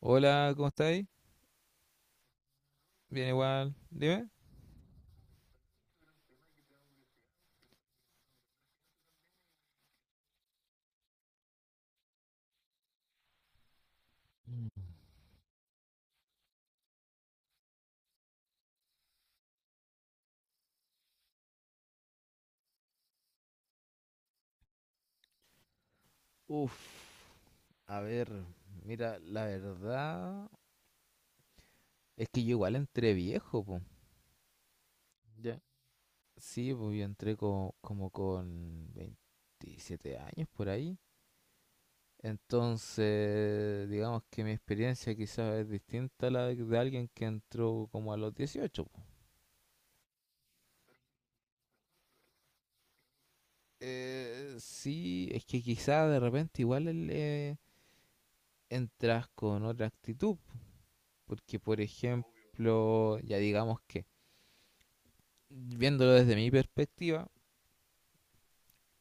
Hola, ¿cómo estáis? Bien igual, dime. Uf, a ver, mira, la verdad es que yo igual entré viejo, pues. Ya. Sí, pues yo entré como con 27 años por ahí. Entonces, digamos que mi experiencia quizás es distinta a la de alguien que entró como a los 18, po. Sí, es que quizás de repente igual entras con otra actitud. Porque, por ejemplo, ya digamos que viéndolo desde mi perspectiva,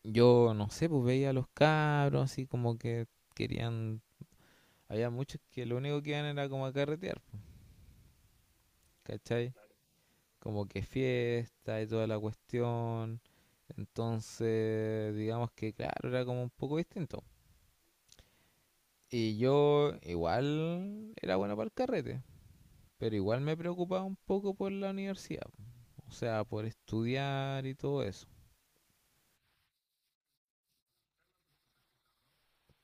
yo no sé, pues veía a los cabros así como que querían, había muchos que lo único que iban era como a carretear, ¿cachai? Como que fiesta y toda la cuestión. Entonces, digamos que claro, era como un poco distinto. Y yo igual era bueno para el carrete, pero igual me preocupaba un poco por la universidad, o sea, por estudiar y todo eso.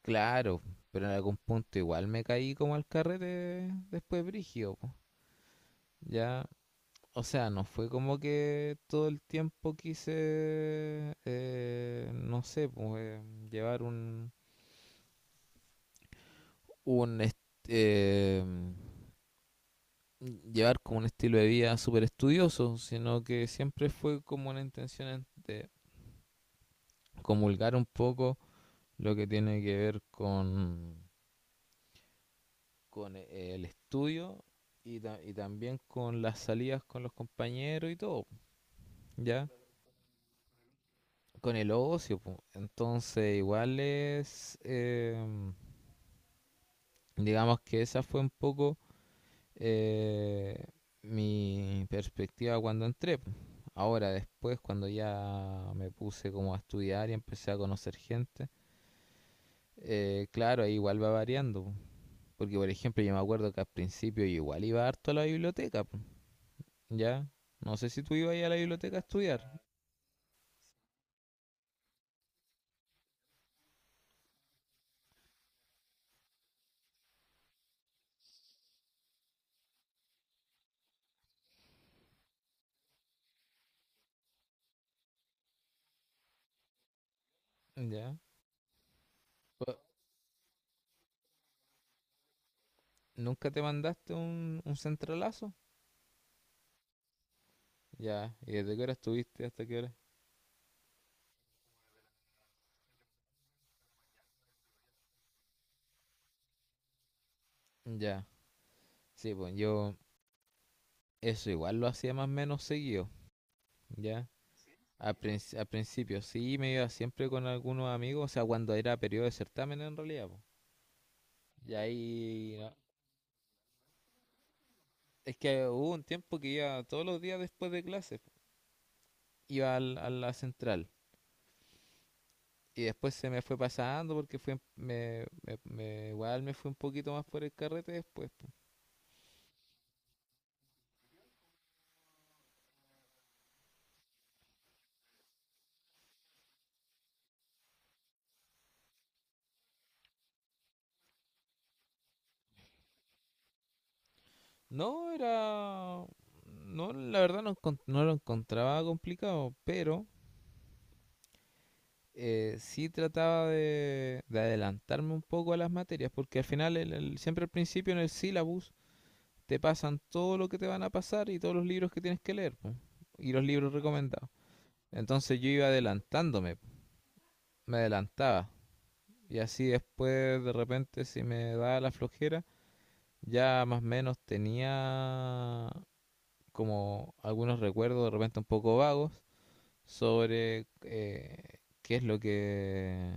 Claro, pero en algún punto igual me caí como al carrete después brígido, po. Ya, o sea, no fue como que todo el tiempo quise, no sé, pues, llevar un, un est- eh, llevar como un estilo de vida súper estudioso, sino que siempre fue como una intención de comulgar un poco lo que tiene que ver con el estudio y, y también con las salidas con los compañeros y todo, ¿ya? Con el ocio, po. Entonces, igual es, digamos que esa fue un poco eh, mi perspectiva cuando entré, po. Ahora, después, cuando ya me puse como a estudiar y empecé a conocer gente, claro, ahí igual va variando, po. Porque, por ejemplo, yo me acuerdo que al principio yo igual iba harto a la biblioteca, po. Ya. No sé si tú ibas ahí a la biblioteca a estudiar. Ya. Pues, ¿nunca te mandaste un centralazo? Ya. ¿Y desde qué hora estuviste hasta qué hora? Ya. Sí, pues yo eso igual lo hacía más o menos seguido. Ya. Al principio sí me iba siempre con algunos amigos, o sea, cuando era periodo de certamen en realidad, po. Y ahí... no. Es que hubo un tiempo que iba todos los días después de clases, po. Iba a la central. Y después se me fue pasando porque fue, me- me- igual me fui un poquito más por el carrete después, po. No, era... No, la verdad no, no lo encontraba complicado, pero sí trataba de adelantarme un poco a las materias, porque al final, siempre al principio en el syllabus te pasan todo lo que te van a pasar y todos los libros que tienes que leer, po, y los libros recomendados. Entonces yo iba adelantándome, po, me adelantaba. Y así después de repente si me daba la flojera, ya más o menos tenía como algunos recuerdos de repente un poco vagos sobre qué es lo que,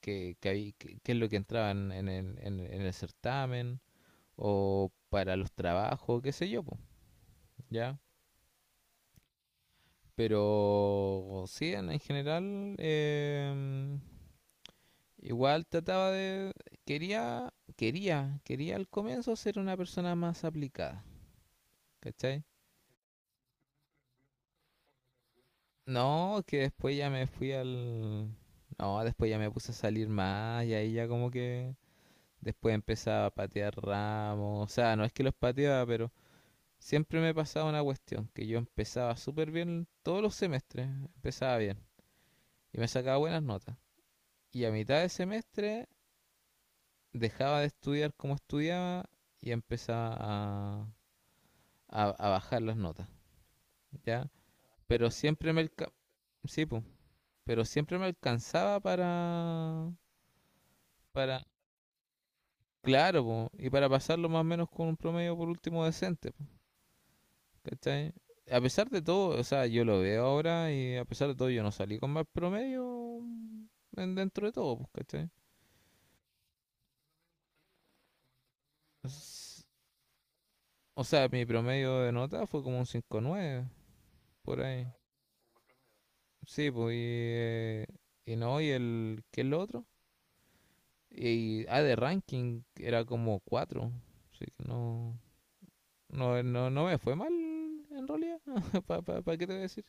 qué es lo que entraba en el certamen o para los trabajos, qué sé yo, po, ¿ya? Pero sí, en general, igual trataba de... quería al comienzo ser una persona más aplicada, ¿cachai? No, que después ya me fui al... No, después ya me puse a salir más y ahí ya como que después empezaba a patear ramos. O sea, no es que los pateaba, pero siempre me pasaba una cuestión, que yo empezaba súper bien todos los semestres, empezaba bien y me sacaba buenas notas. Y a mitad de semestre dejaba de estudiar como estudiaba y empezaba a, a bajar las notas, ¿ya? Pero siempre me... alca- Sí, po, pero siempre me alcanzaba para... Claro, po, y para pasarlo más o menos con un promedio por último decente, po, ¿cachai? A pesar de todo, o sea, yo lo veo ahora y a pesar de todo yo no salí con más promedio dentro de todo, pues, ¿cachai? S- O sea, mi promedio de nota fue como un 5,9 por ahí. Sí, pues, y no, y el, ¿qué es lo otro? Y, ah, de ranking era como 4. Así que no, no me fue mal en realidad, ¿para qué te voy a decir?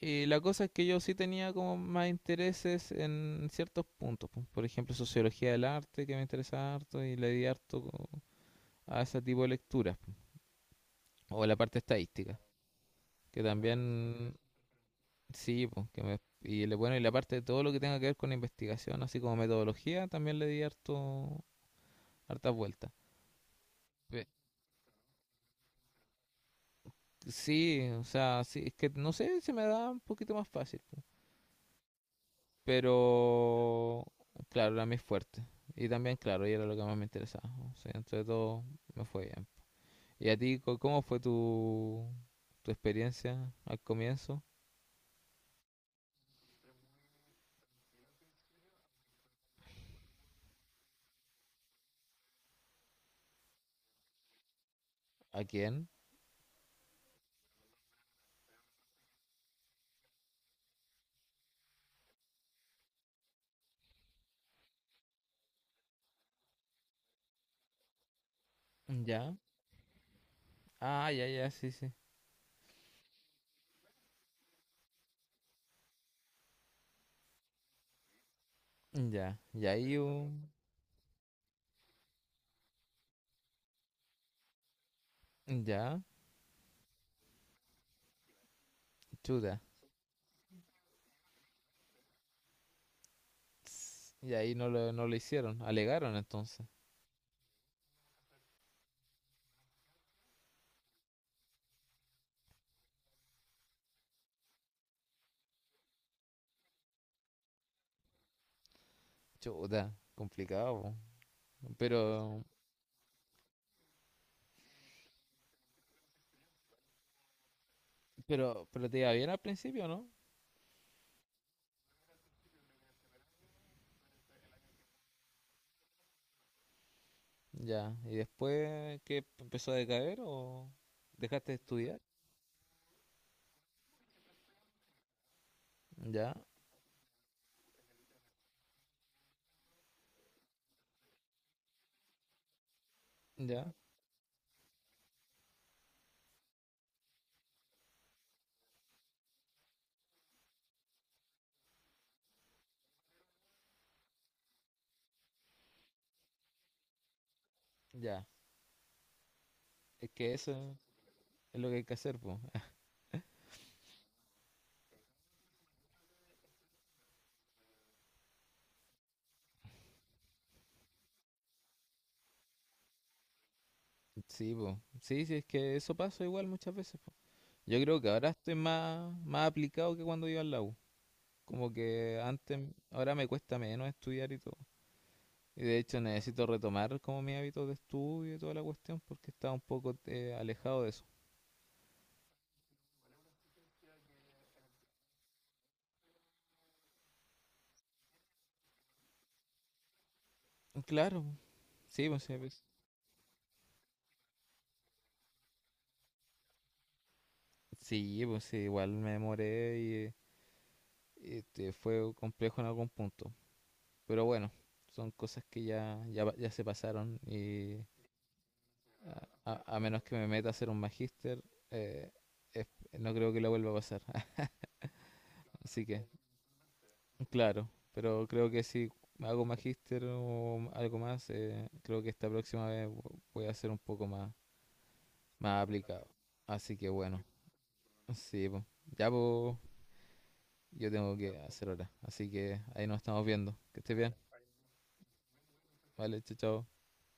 Y la cosa es que yo sí tenía como más intereses en ciertos puntos, po. Por ejemplo, sociología del arte, que me interesaba harto, y le di harto a ese tipo de lecturas, po. O la parte estadística, que también, sí, po, que me, y le- bueno, y la parte de todo lo que tenga que ver con investigación, así como metodología, también le di harto, hartas vueltas. Pe- Sí, o sea, sí, es que no sé, se me da un poquito más fácil. Pero, claro, era mi fuerte. Y también, claro, y era lo que más me interesaba. O sea, entre todo, me fue bien. ¿Y a ti, cómo fue tu, experiencia al comienzo? ¿A quién? Ya. Ah, ya, ya, sí, sí. Ya. Y ahí un... Ya. Chuta. Y ahí no lo, hicieron. Alegaron entonces. Chuta. Complicado, po. Pero, pero te iba bien al principio, ¿no? Ya, ¿y después qué empezó a decaer o dejaste de estudiar? Ya, ya, ya. Es que eso es lo que hay que hacer, pues. Sí, pues. Sí, sí, es que eso pasa igual muchas veces, po. Yo creo que ahora estoy más aplicado que cuando iba al la U. Como que antes, ahora me cuesta menos estudiar y todo. Y de hecho necesito retomar como mi hábito de estudio y toda la cuestión porque estaba un poco alejado de eso. Claro, sí, pues sí, pues, sí, pues, sí, igual me demoré y... este, fue complejo en algún punto. Pero bueno, son cosas que ya, ya, ya se pasaron y a menos que me meta a hacer un magíster, eh, es- no creo que lo vuelva a pasar. Así que, claro, pero creo que si hago magíster o algo más, creo que esta próxima vez voy a ser un poco más, aplicado. Así que bueno, sí, po. Ya po, yo tengo que hacer ahora. Así que ahí nos estamos viendo. Que estés bien. Vale, chao, chao.